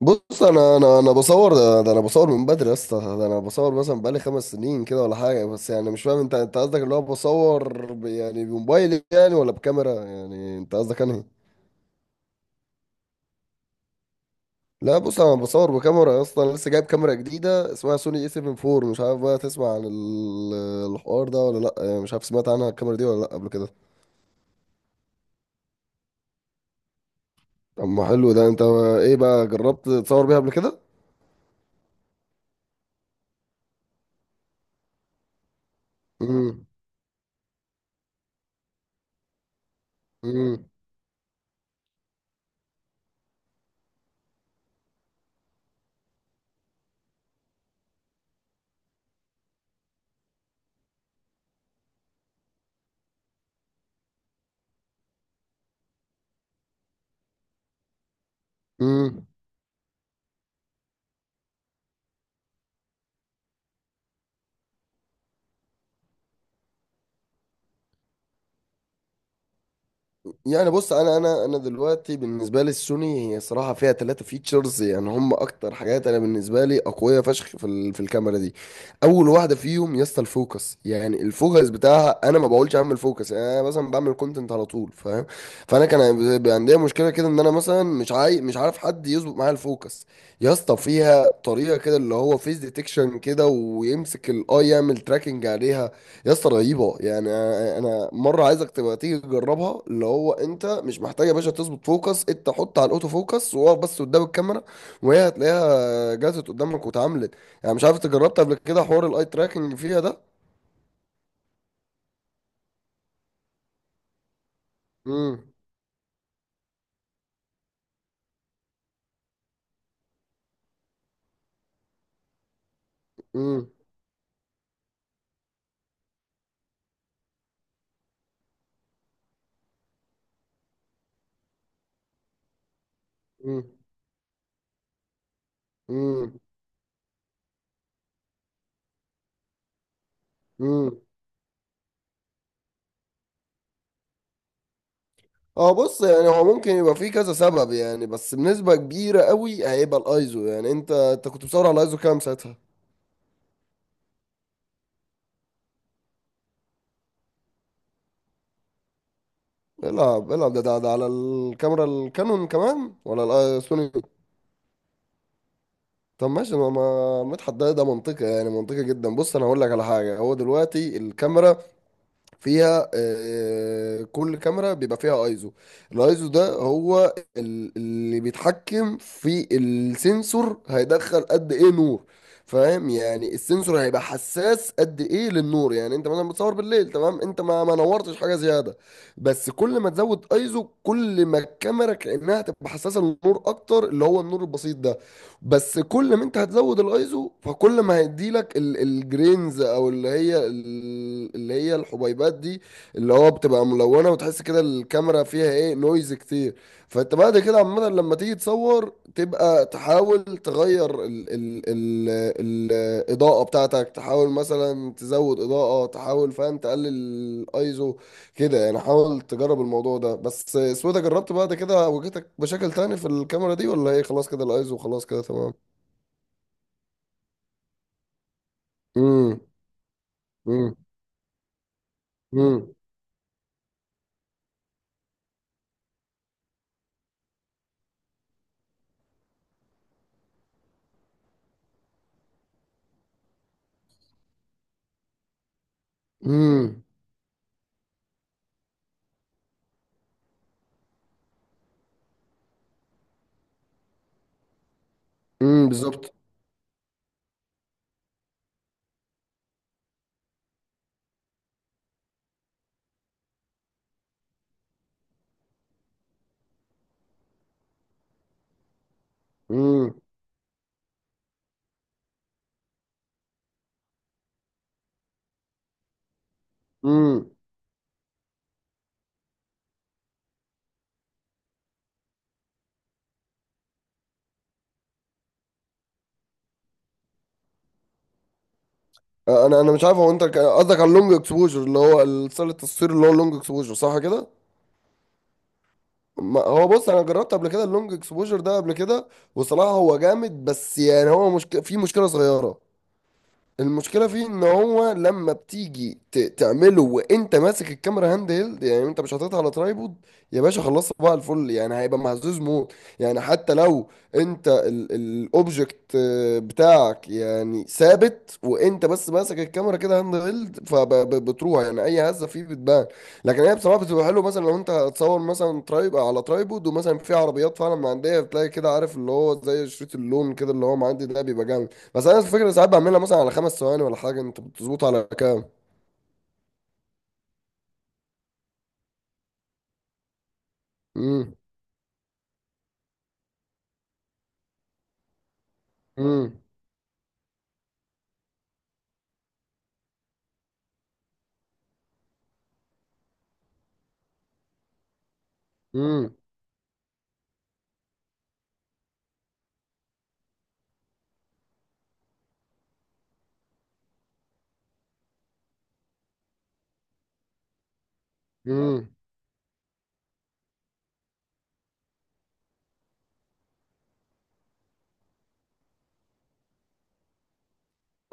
بص، انا بصور ده. انا بصور من بدري يا اسطى. ده انا بصور مثلا بقالي 5 سنين كده ولا حاجه. بس يعني مش فاهم، انت قصدك اللي هو بصور يعني بموبايلي يعني، ولا بكاميرا؟ يعني انت قصدك انهي؟ لا، بص انا بصور بكاميرا يا اسطى. انا لسه جايب كاميرا جديده اسمها سوني اي 74. مش عارف بقى تسمع عن الحوار ده ولا لا؟ يعني مش عارف، سمعت عنها الكاميرا دي ولا لا قبل كده؟ اما حلو ده انت. ايه بقى، جربت تصور بيها قبل كده؟ امم. امم. يعني بص، انا دلوقتي بالنسبه لي السوني هي صراحه فيها 3 فيتشرز، يعني هم اكتر حاجات انا بالنسبه لي اقويه فشخ في في الكاميرا دي. اول واحده فيهم يا اسطى الفوكس. يعني الفوكس بتاعها، انا ما بقولش اعمل فوكس يعني، انا مثلا بعمل كونتنت على طول فاهم. فانا كان بيبقى عندي مشكله كده ان انا مثلا مش عارف حد يظبط معايا الفوكس. يا اسطى فيها طريقه كده اللي هو فيس ديتكشن، كده ويمسك الاي يعمل تراكنج عليها. يا اسطى رهيبه. يعني انا مره عايزك تبقى تيجي تجربها. اللي هو انت مش محتاج يا باشا تظبط فوكس، انت حط على الاوتو فوكس، وقف بس قدام الكاميرا وهي هتلاقيها جات قدامك واتعاملت. يعني مش عارف، انت جربت قبل كده حوار الاي تراكنج فيها ده؟ امم. امم. امم. امم. امم. اه، بص، يعني هو ممكن يبقى فيه كذا سبب، يعني بس بنسبه كبيره قوي هيبقى الايزو. يعني انت كنت بتصور على الايزو كام ساعتها؟ العب العب ده على الكاميرا الكانون كمان ولا السوني؟ طب ماشي، ما مدحت، ده منطقي يعني منطقي جدا. بص انا هقول لك على حاجه. هو دلوقتي الكاميرا فيها كل كاميرا بيبقى فيها ايزو. الايزو ده هو اللي بيتحكم في السنسور هيدخل قد ايه نور، فاهم؟ يعني السنسور هيبقى حساس قد ايه للنور. يعني انت مثلا بتصور بالليل، تمام، انت ما نورتش حاجه زياده. بس كل ما تزود ايزو كل ما الكاميرا كانها تبقى حساسه للنور اكتر، اللي هو النور البسيط ده. بس كل ما انت هتزود الايزو فكل ما هيديلك الجرينز، او اللي هي اللي هي الحبيبات دي، اللي هو بتبقى ملونه، وتحس كده الكاميرا فيها ايه، نويز كتير. فانت بعد كده عامه لما تيجي تصور تبقى تحاول تغير ال ال ال الاضاءه بتاعتك، تحاول مثلا تزود اضاءه، تحاول فاهم تقلل الايزو كده يعني. حاول تجرب الموضوع ده بس. سويدة، جربت بعد كده واجهتك مشاكل تاني في الكاميرا دي ولا ايه، خلاص كده الايزو وخلاص كده تمام؟ امم. امم. امم. امم. بالظبط. امم. امم. انا مش عارف، هو انت قصدك على اللونج اكسبوجر اللي هو الستايل التصوير، اللي هو اللونج اكسبوجر صح كده؟ هو بص انا جربت قبل كده اللونج اكسبوجر ده قبل كده، وصراحة هو جامد. بس يعني هو في مشكلة صغيرة. المشكله فيه ان هو لما بتيجي تعمله وانت ماسك الكاميرا هاند هيلد، يعني انت مش حاططها على ترايبود يا باشا، خلصت بقى الفل يعني، هيبقى مهزوز موت. يعني حتى لو انت الاوبجكت بتاعك يعني ثابت، وانت بس ماسك الكاميرا كده هاند هيلد، فبتروح يعني اي هزه فيه بتبان. لكن هي بصراحه بتبقى حلوه، مثلا لو انت هتصور مثلا ترايب على ترايبود ومثلا في عربيات فعلا معديه، بتلاقي كده عارف اللي هو زي شريط اللون كده اللي هو معدي ده، بيبقى جامد. بس انا الفكره ساعات بعملها مثلا على 5 ثواني ولا حاجه، انت بتظبط على كام؟ امم. امم. امم. امم.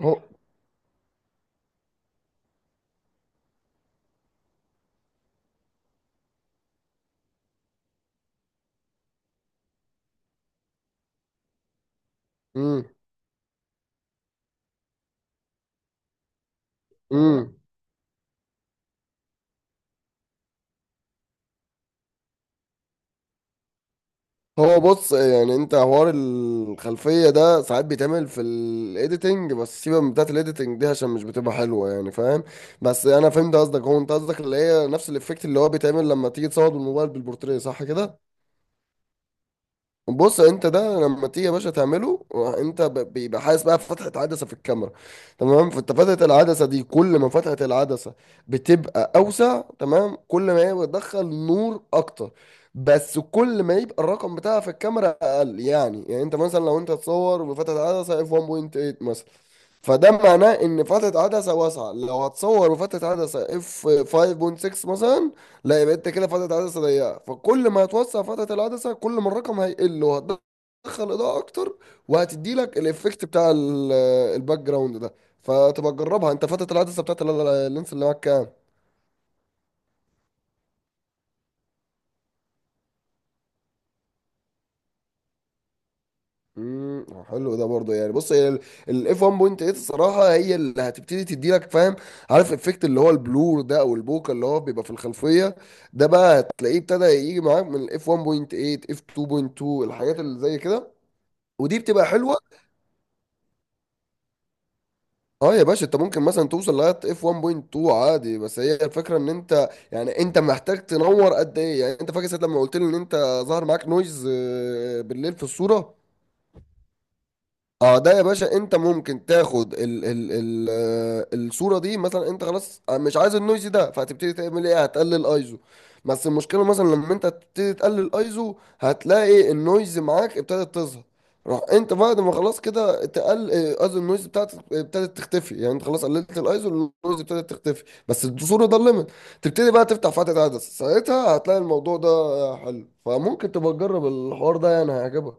هو. امم. امم. هو بص يعني انت حوار الخلفيه ده ساعات بيتعمل في الايديتنج، بس سيبك من بتاعت الايديتنج دي عشان مش بتبقى حلوه يعني فاهم. بس انا فهمت قصدك. هو انت قصدك اللي هي نفس الافكت اللي هو بيتعمل لما تيجي تصور بالموبايل بالبورتريه صح كده؟ بص انت ده لما تيجي يا باشا تعمله، انت بيبقى حاسس بقى فتحة عدسة في الكاميرا، تمام؟ فانت فتحة العدسة دي، كل ما فتحة العدسة بتبقى اوسع، تمام، كل ما هي بتدخل نور اكتر. بس كل ما يبقى الرقم بتاعها في الكاميرا اقل يعني انت مثلا، لو انت تصور بفتحة عدسة اف 1.8 مثلا، فده معناه ان فتحة عدسة واسعة. لو هتصور بفتحة عدسة اف 5.6 مثلا، لا، يبقى انت كده فتره عدسه ضيقه. فكل ما هتوسع فتره العدسه كل ما الرقم هيقل، وهتدخل اضاءه اكتر، وهتدي لك الايفكت بتاع الباك جراوند ده. فتبقى تجربها. انت فتره العدسه بتاعت اللينس اللي معاك كام؟ امم، حلو ده برضه. يعني بص هي الاف 1.8 الصراحه هي اللي هتبتدي تدي لك فاهم، عارف الافكت اللي هو البلور ده او البوكا اللي هو بيبقى في الخلفيه. ده بقى هتلاقيه ابتدى يجي معاك من الاف 1.8 اف 2.2، الحاجات اللي زي كده، ودي بتبقى حلوه. اه، يا باشا انت ممكن مثلا توصل لغايه اف 1.2 عادي. بس هي الفكره ان انت يعني انت محتاج تنور قد ايه. يعني انت فاكر ساعه لما قلت لي ان انت ظهر معاك نويز بالليل في الصوره؟ اه، ده يا باشا انت ممكن تاخد ال ال ال آه، الصوره دي مثلا، انت خلاص مش عايز النويز ده فهتبتدي تعمل ايه، هتقلل ايزو. بس المشكله مثلا لما انت تبتدي تقلل ايزو، هتلاقي النويز معاك ابتدت تظهر. روح انت بعد ما خلاص كده تقل آه، قصدي النويز بتاعتك ابتدت تختفي، يعني انت خلاص قللت الايزو النويز ابتدت تختفي، بس الصوره ده الليميت. تبتدي بقى تفتح فتحه عدسه ساعتها، هتلاقي الموضوع ده حلو، فممكن تبقى تجرب الحوار ده يعني هيعجبك.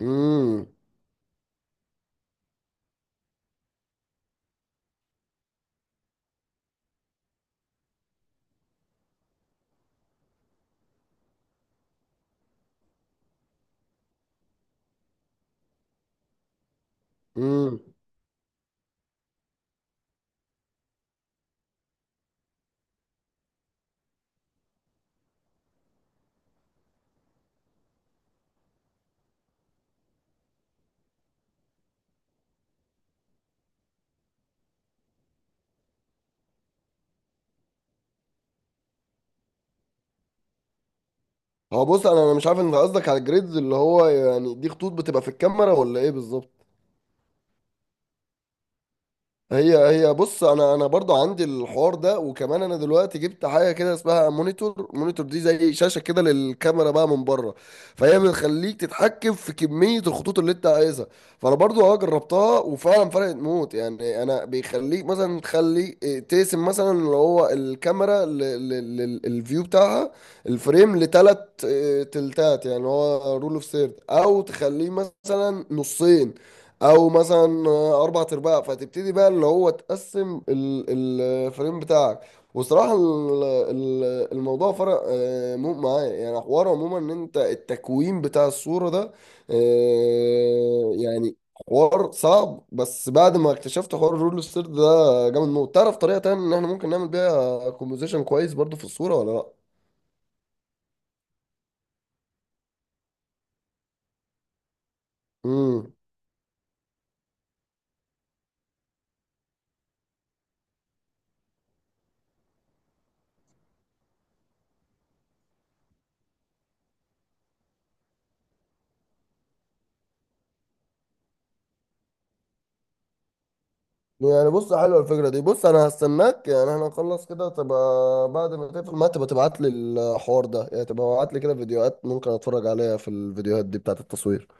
امم. امم. هو بص انا مش عارف، انت قصدك على الجريدز اللي هو يعني دي خطوط بتبقى في الكاميرا، ولا ايه بالظبط؟ هي بص انا برضو عندي الحوار ده. وكمان انا دلوقتي جبت حاجه كده اسمها مونيتور، مونيتور دي زي شاشه كده للكاميرا بقى من بره، فهي بتخليك تتحكم في كميه الخطوط اللي انت عايزها. فانا برضو جربتها وفعلا فرقت موت يعني. انا بيخليك مثلا تخلي تقسم مثلا اللي هو الكاميرا للفيو بتاعها الفريم لتلات تلتات، يعني هو رول اوف ثيرد، او تخليه مثلا نصين، او مثلا اربع ارباع. فتبتدي بقى اللي هو تقسم الفريم بتاعك. وصراحة الموضوع فرق معايا يعني، حوار عموما ان انت التكوين بتاع الصورة ده يعني حوار صعب، بس بعد ما اكتشفت حوار الرول ستير ده جامد موت. تعرف طريقة تانية ان احنا ممكن نعمل بيها كومبوزيشن كويس برضو في الصورة ولا؟ لا؟ يعني بص حلوه الفكره دي. بص انا هستناك يعني، احنا نخلص كده تبقى بعد ما تقفل ما تبقى تبعت لي الحوار ده، يعني تبقى تبعت لي كده فيديوهات ممكن اتفرج عليها، في الفيديوهات دي بتاعت التصوير.